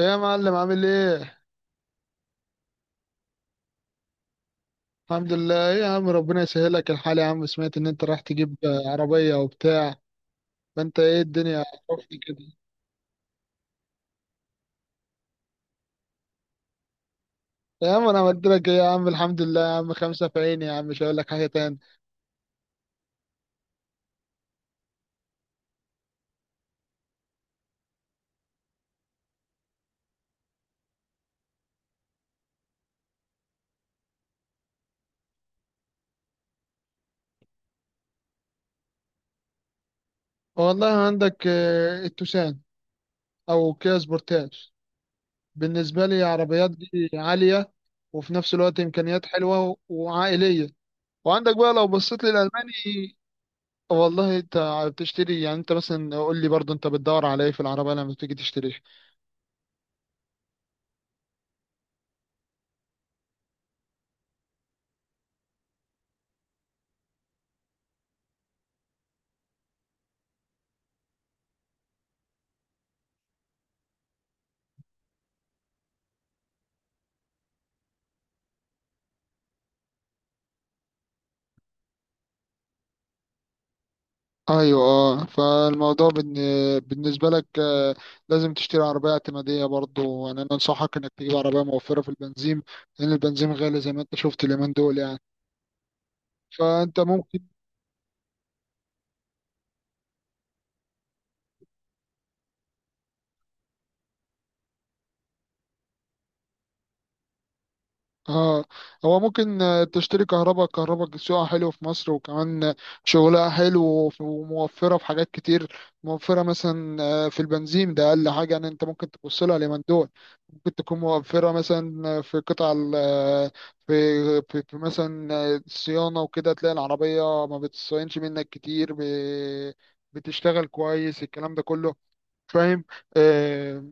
ايه يا معلم، عامل ايه؟ الحمد لله. ايه يا عم، ربنا يسهلك الحال. يا عم سمعت ان انت رايح تجيب عربية وبتاع. ما انت، ايه الدنيا؟ عرفني كده. يا عم انا عملت لك ايه؟ يا عم الحمد لله. يا عم خمسة في عيني، يا عم مش هقول لك حاجة تاني. والله عندك التوسان، او كيا سبورتاج. بالنسبة لي عربيات دي عالية، وفي نفس الوقت امكانيات حلوة وعائلية. وعندك بقى لو بصيت للالماني. والله انت بتشتري، يعني انت مثلا قول لي برضه، انت بتدور على ايه في العربية لما تيجي تشتري؟ ايوه اه، فالموضوع بالنسبه لك، لازم تشتري عربيه اعتماديه. برضو يعني انا انصحك انك تجيب عربيه موفره في البنزين، لان البنزين غالي زي ما انت شفت اليومين دول يعني. فانت ممكن. اه. هو ممكن تشتري كهرباء. كهرباء سوقها حلو في مصر، وكمان شغلها حلو وموفرة في حاجات كتير. موفرة مثلا في البنزين، ده أقل حاجة يعني. أنت ممكن تبص لها اليومين دول. ممكن تكون موفرة مثلا في قطع في في مثلا صيانة، وكده تلاقي العربية ما بتصينش منك كتير، بتشتغل كويس، الكلام ده كله. فاهم؟ آه،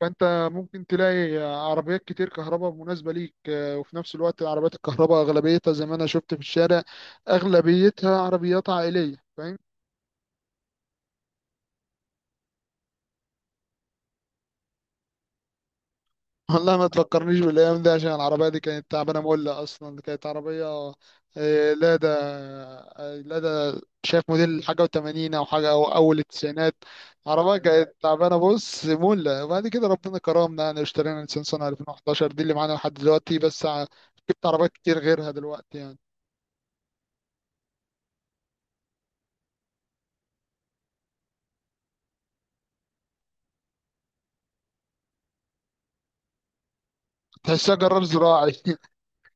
فانت ممكن تلاقي عربيات كتير كهرباء مناسبه ليك، وفي نفس الوقت العربيات الكهرباء اغلبيتها زي ما انا شفت في الشارع، اغلبيتها عربيات عائليه، فاهم؟ والله ما تفكرنيش بالايام دي، عشان العربيه دي كانت تعبانه مولة، اصلا كانت عربيه لادا. لادا، شايف موديل حاجه و80 او حاجه او اول التسعينات. عربيه كانت تعبانه بص مولة. وبعد كده ربنا كرمنا، يعني اشترينا نيسان صني 2011 دي اللي معانا لحد دلوقتي، بس جبت عربيات كتير غيرها دلوقتي يعني. تحسها جرار زراعي.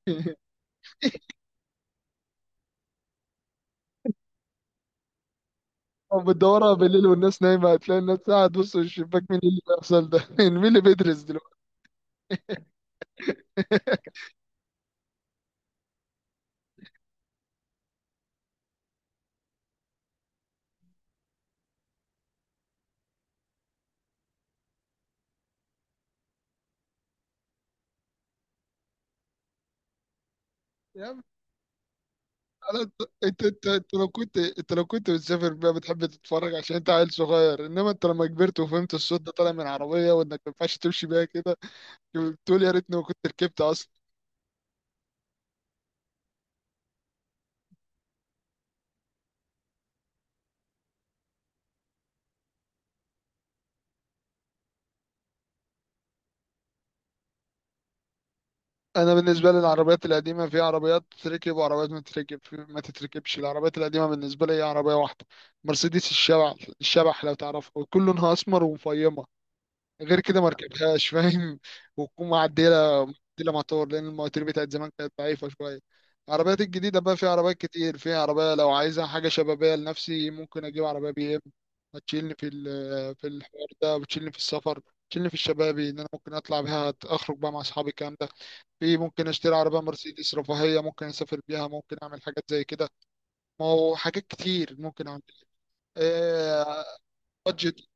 وبتدورها بالليل والناس نايمة، هتلاقي الناس قاعد تبص من الشباك مين اللي بيحصل ده. مين اللي بيدرس دلوقتي؟ يا عم تعالى انت لو كنت بتسافر بقى، بتحب تتفرج عشان انت عيل صغير، انما انت لما كبرت وفهمت الصوت ده طالع من عربية وانك ما ينفعش تمشي بيها كده بتقول يا ريتني ما كنت ركبت. انا بالنسبه لي العربيات القديمه في عربيات تتركب وعربيات ما تتركب. ما تتركبش العربيات القديمه بالنسبه لي، هي عربيه واحده، مرسيدس الشبح. الشبح لو تعرفها، ويكون لونها اسمر ومفيمه، غير كده ما ركبتهاش، فاهم؟ وتكون معدله، معدله موتور، لان المواتير بتاعت زمان كانت ضعيفه شويه. العربيات الجديده بقى في عربيات كتير، في عربيه لو عايزها حاجه شبابيه لنفسي ممكن اجيب عربيه بي ام. هتشيلني في الحوار ده، وتشيلني في السفر. تشيلني في الشبابي ان انا ممكن اطلع بيها اخرج بقى مع اصحابي الكلام ده. في، ممكن اشتري عربية مرسيدس رفاهية، ممكن اسافر بيها، ممكن اعمل حاجات زي كده. ما هو حاجات كتير ممكن اعمل. آه بادجت.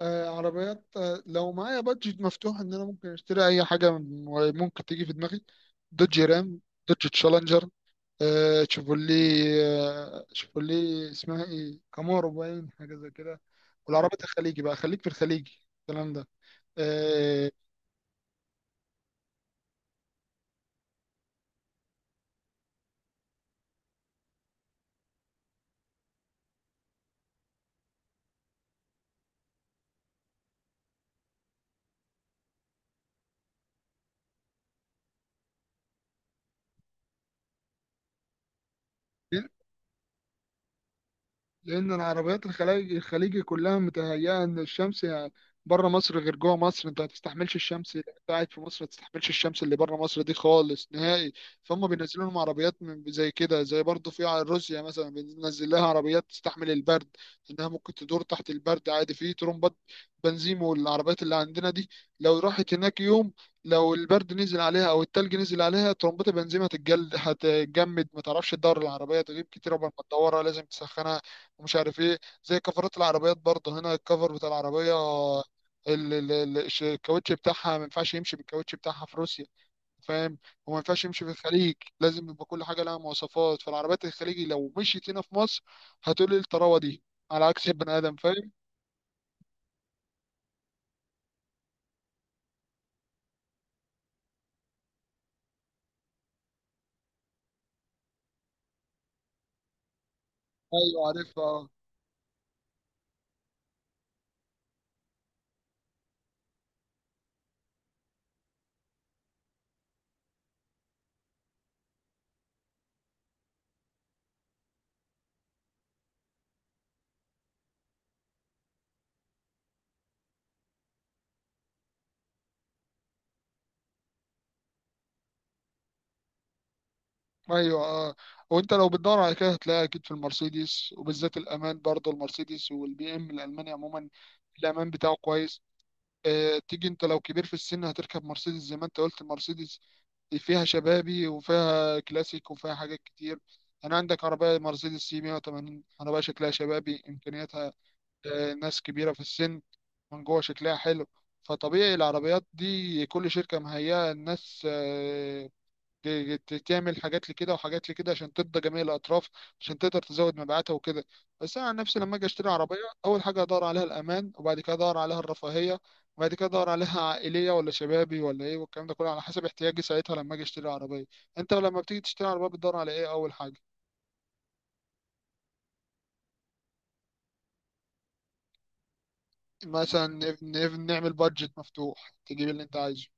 عربيات، لو معايا بادجت مفتوح ان انا ممكن اشتري اي حاجة ممكن تيجي في دماغي. دوج رام، دوج تشالنجر، تشيفولي، تشيفولي اسمها ايه، كامارو، باين حاجة زي كده. والعربيات الخليجي بقى، خليك في الخليجي، الكلام ده. آه لأن العربيات الخليجي كلها متهيئة إن الشمس يعني، بره مصر غير جوه مصر، أنت ما تستحملش الشمس، أنت قاعد في مصر ما تستحملش الشمس اللي بره مصر دي خالص نهائي. فهم بينزلوا لهم عربيات زي كده، زي برضه في روسيا مثلا بينزل لها عربيات تستحمل البرد، إنها ممكن تدور تحت البرد عادي، في ترمبات بنزين. والعربيات اللي عندنا دي لو راحت هناك يوم، لو البرد نزل عليها او التلج نزل عليها، ترمبات البنزين هتتجمد، ما تعرفش تدور. العربيه تغيب كتير قبل ما تدورها، لازم تسخنها ومش عارف ايه. زي كفرات العربيات برضه، هنا الكفر بتاع العربية، الكاوتش بتاعها ما ينفعش يمشي بالكاوتش بتاعها في روسيا، فاهم؟ وما ينفعش يمشي في الخليج. لازم يبقى كل حاجة لها مواصفات. فالعربيات الخليجي لو مشيت هنا في مصر، هتقول ايه الطراوة دي، على عكس البني آدم، فاهم؟ ايوه عارفها، آه. ايوه اه، وانت لو بتدور على كده هتلاقيها اكيد في المرسيدس، وبالذات الامان برضه المرسيدس والبي ام الالماني عموما، الامان بتاعه كويس. تيجي انت لو كبير في السن هتركب مرسيدس زي ما انت قلت، المرسيدس فيها شبابي وفيها كلاسيك وفيها حاجات كتير. انا عندك عربية مرسيدس سي 180، عربية شكلها شبابي، امكانياتها ناس كبيرة في السن، من جوه شكلها حلو. فطبيعي العربيات دي كل شركة مهيئة الناس، تعمل حاجات لكده وحاجات لكده عشان ترضى جميع الاطراف، عشان تقدر تزود مبيعاتها وكده. بس انا عن نفسي لما اجي اشتري عربيه، اول حاجه ادور عليها الامان، وبعد كده ادور عليها الرفاهيه، وبعد كده ادور عليها عائليه ولا شبابي ولا ايه، والكلام ده كله على حسب احتياجي ساعتها لما اجي اشتري عربيه. انت لما بتيجي تشتري عربيه بتدور على ايه اول حاجه؟ مثلا نعمل بادجت مفتوح، تجيب اللي انت عايزه.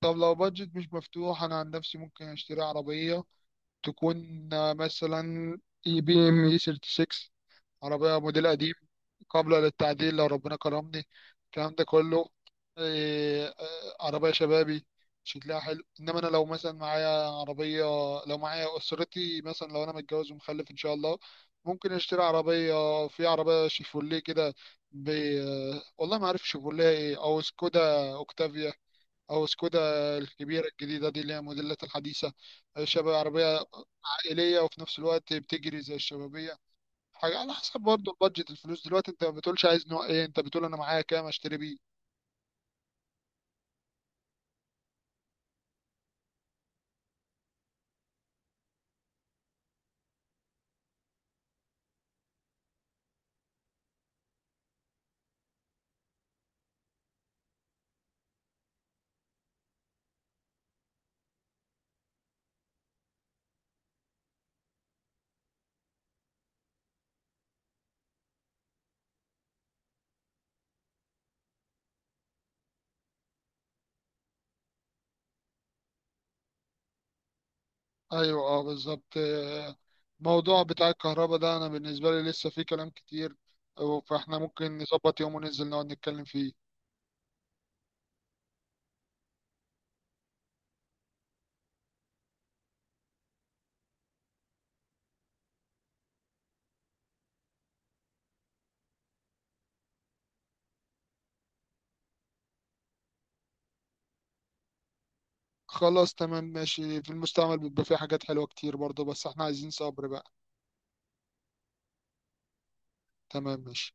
طب لو بادجت مش مفتوح، انا عن نفسي ممكن اشتري عربيه تكون مثلا اي بي ام اي 36، عربيه موديل قديم، قابلة للتعديل لو ربنا كرمني، الكلام ده كله. إيه، آه، عربية شبابي شكلها حلو. إنما أنا لو مثلا معايا عربية، لو معايا أسرتي مثلا، لو أنا متجوز ومخلف إن شاء الله، ممكن أشتري عربية. في عربية شيفوليه كده، ب... والله ما عارف شيفوليه إيه، أو سكودا أوكتافيا، أو سكودا الكبيرة الجديدة دي اللي هي موديلات الحديثة. شباب عربية عائلية، وفي نفس الوقت بتجري زي الشبابية. حاجة على حسب برضه البادجت الفلوس. دلوقتي انت ما بتقولش عايز نوع ايه، انت بتقول انا معايا كام اشتري بيه. ايوه اه، بالظبط. الموضوع بتاع الكهرباء ده، انا بالنسبة لي لسه فيه كلام كتير. فاحنا ممكن نظبط يوم وننزل نقعد نتكلم فيه. خلاص تمام ماشي. في المستعمل بيبقى فيه حاجات حلوة كتير برضه، بس احنا عايزين صبر بقى. تمام ماشي.